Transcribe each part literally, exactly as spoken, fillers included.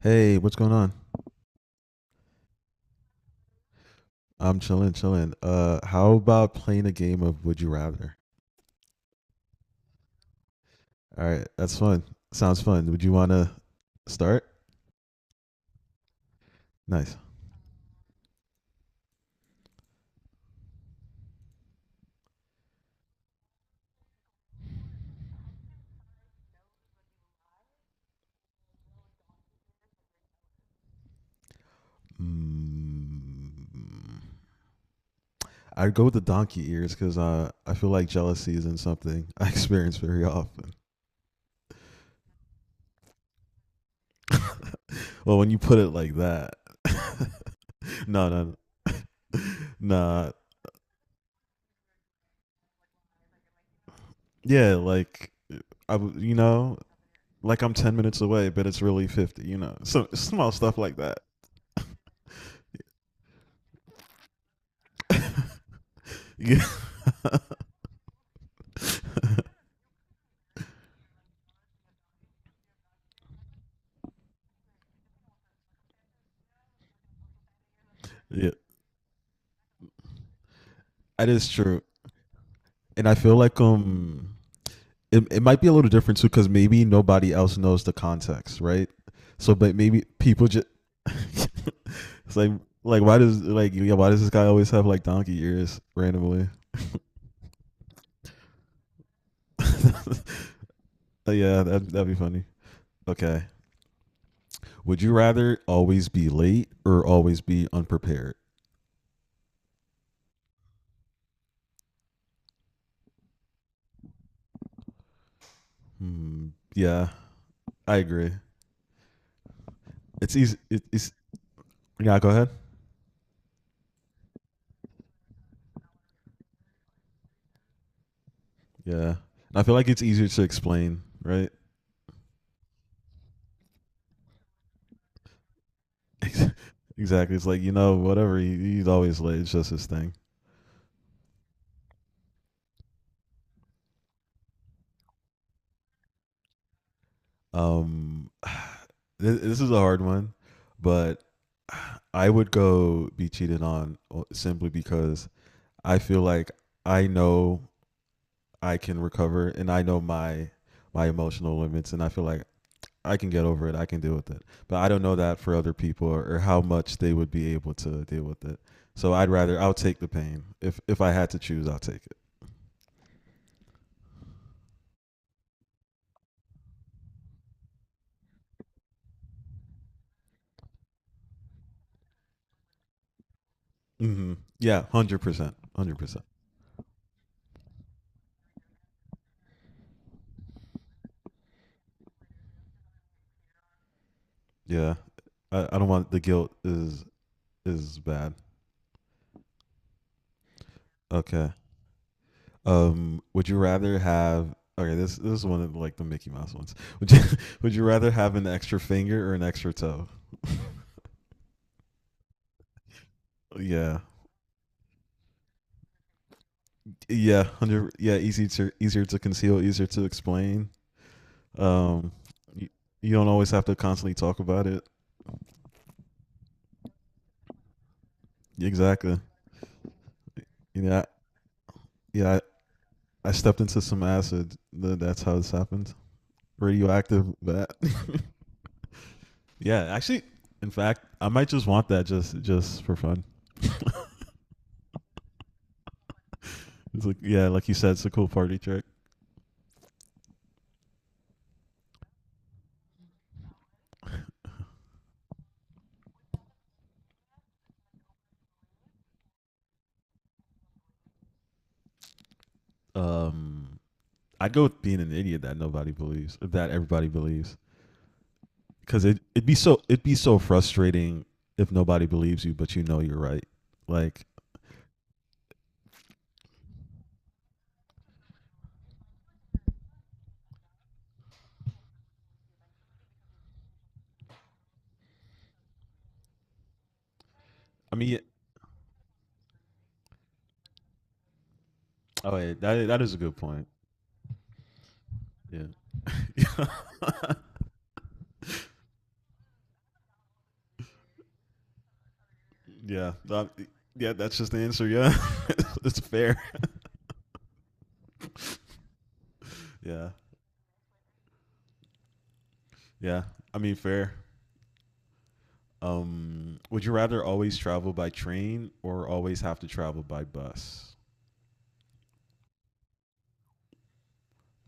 Hey, what's going on? I'm chilling, chilling. Uh, how about playing a game of Would You Rather? All right, that's fun. Sounds fun. Would you want to start? Nice. Mm, I'd go with the donkey ears because uh, I feel like jealousy isn't something I experience very often. Well, when you put it like that, no, no, no. nah, yeah, like I, w- you know, like I'm ten minutes away, but it's really fifty. You know, so small stuff like that. Yeah. Yeah, that is true. And I feel like um it, it might be a little different too because maybe nobody else knows the context, right? So, but maybe people just it's like like why does like yeah why does this guy always have like donkey ears randomly? Uh, yeah, that that'd be funny. Okay, would you rather always be late or always be unprepared? Hmm, yeah, I agree. It's easy. It, it's yeah. Go ahead. Yeah, and I feel like it's easier to explain, right? exactly. It's like you know, whatever. He, he's always late. It's just his thing. Um, this, this is a hard one, but I would go be cheated on o- simply because I feel like I know I can recover and I know my my emotional limits, and I feel like I can get over it. I can deal with it. But I don't know that for other people or, or how much they would be able to deal with it. So I'd rather I'll take the pain. If if I had to choose, I'll take it. Mm-hmm. Yeah, hundred percent, hundred percent. Yeah, I, I don't want the guilt is is bad. Okay. Um, would you rather have? Okay, this this is one of like the Mickey Mouse ones. Would you would you rather have an extra finger or an extra toe? Yeah, yeah, hundred. Yeah, easy to easier to conceal, easier to explain. Um, you, you don't always have to constantly talk about it. Exactly. Yeah. yeah, I, I stepped into some acid. Th- That's how this happened. Radioactive bat. Yeah, actually, in fact, I might just want that just just for fun. It's like yeah, like you said, it's a cool party trick. Um, I'd go with being an idiot that nobody believes, that everybody believes, because it it'd be so it'd be so frustrating if nobody believes you, but you know you're right. Like, I mean, yeah, oh, yeah, that that is a good point. Yeah, yeah, that, yeah. That's just the answer. Yeah, it's fair. Yeah, yeah. I mean, fair. Um, would you rather always travel by train or always have to travel by bus?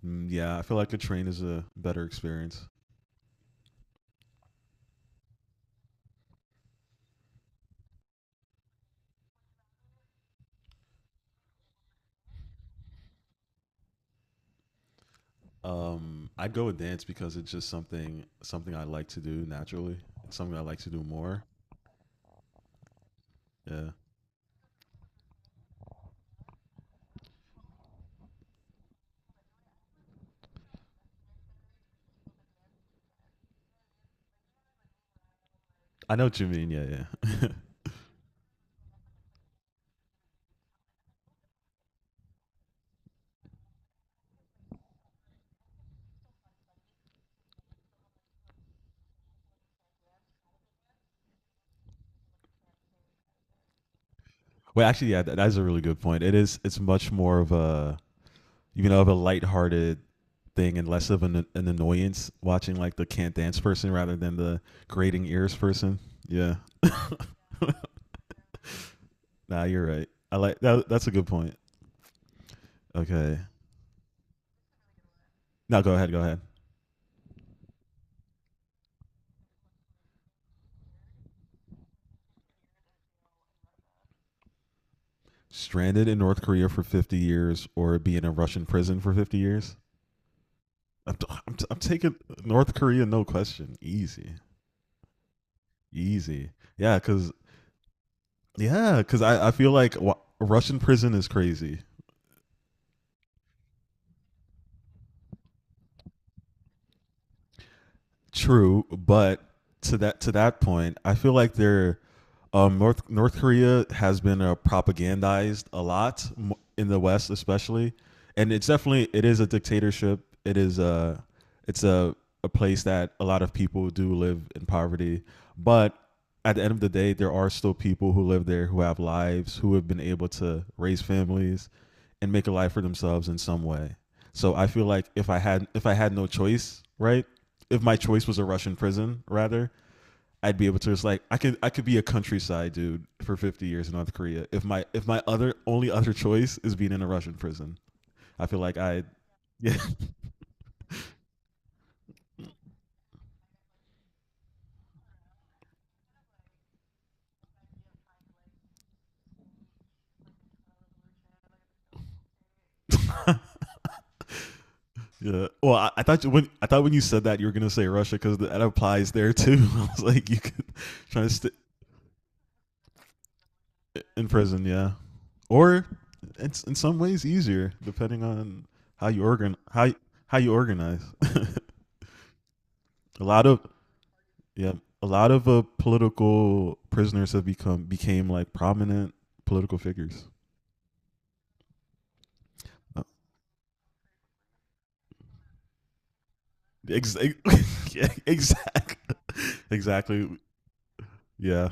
Mm, yeah, I feel like a train is a better experience. Um, I'd go with dance because it's just something something I like to do naturally. It's something I like to do more. Yeah, I know what you mean. Yeah, yeah. Wait, actually, yeah, that, that's a really good point. It is. It's much more of a you know of a lighthearted thing and less of an an annoyance watching like the can't dance person rather than the grating ears person. Yeah. Nah, you're right. I like that. That's a good point. Okay. No, go ahead. Go ahead. Stranded in North Korea for fifty years or be in a Russian prison for fifty years? I'm, t- I'm, t- I'm taking North Korea, no question. Easy. Easy. Yeah, because yeah, because I, I feel like wa- Russian prison is crazy. True, but to that to that point, I feel like they're um, North North Korea has been uh, propagandized a lot m- in the West, especially, and it's definitely it is a dictatorship. It is a it's a a place that a lot of people do live in poverty, but at the end of the day, there are still people who live there who have lives who have been able to raise families and make a life for themselves in some way. So I feel like if I had if I had no choice, right, if my choice was a Russian prison, rather, I'd be able to just like I could I could be a countryside dude for fifty years in North Korea. If my if my other only other choice is being in a Russian prison, I feel like I. Yeah, yeah. Well, I, I thought you, when I thought when you said that you were gonna say Russia because that applies there too. I was like, you could try to stay in prison, yeah, or it's in some ways easier depending on how you organ how how you organize. a lot of Yeah, a lot of uh, political prisoners have become became like prominent political figures. Uh, ex- yeah, exactly. Exactly. Yeah.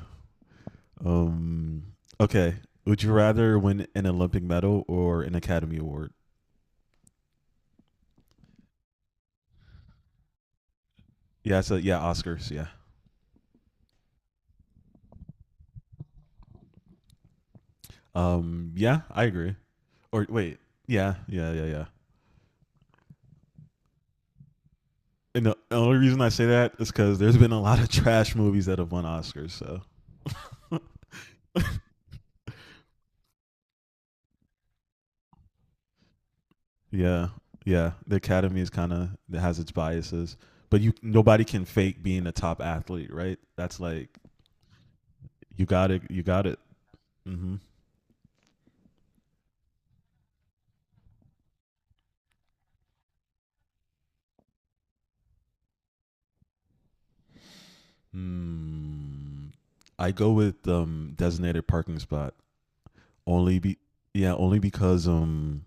Um. Okay. Would you rather win an Olympic medal or an Academy Award? Yeah. So yeah, Oscars. Yeah. Um. Yeah, I agree. Or wait. Yeah. Yeah. Yeah. Yeah. And the only reason I say that is because there's been a lot of trash movies that have won Oscars. So. Yeah, yeah. The academy is kind of it has its biases, but you nobody can fake being a top athlete, right? That's like you got it. You got it. Mm-hmm. Mm. I go with um, designated parking spot only be yeah only because um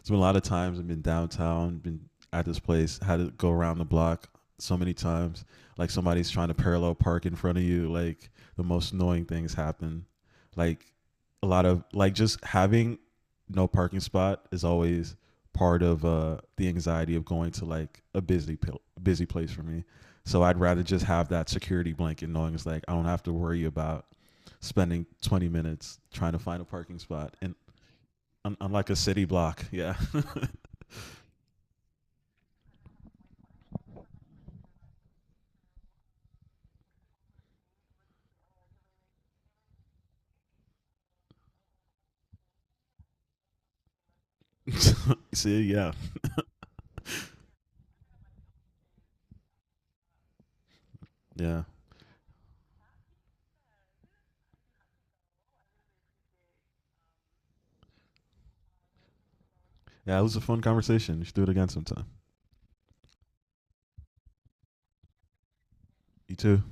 it's been a lot of times I've been downtown, been at this place, had to go around the block so many times. Like somebody's trying to parallel park in front of you. Like the most annoying things happen. Like a lot of like just having no parking spot is always part of uh the anxiety of going to like a busy busy place for me. So I'd rather just have that security blanket knowing it's like I don't have to worry about spending twenty minutes trying to find a parking spot and on, on like a city block. Yeah. See, yeah, yeah, yeah. It was a fun conversation. You should do it again sometime. You too.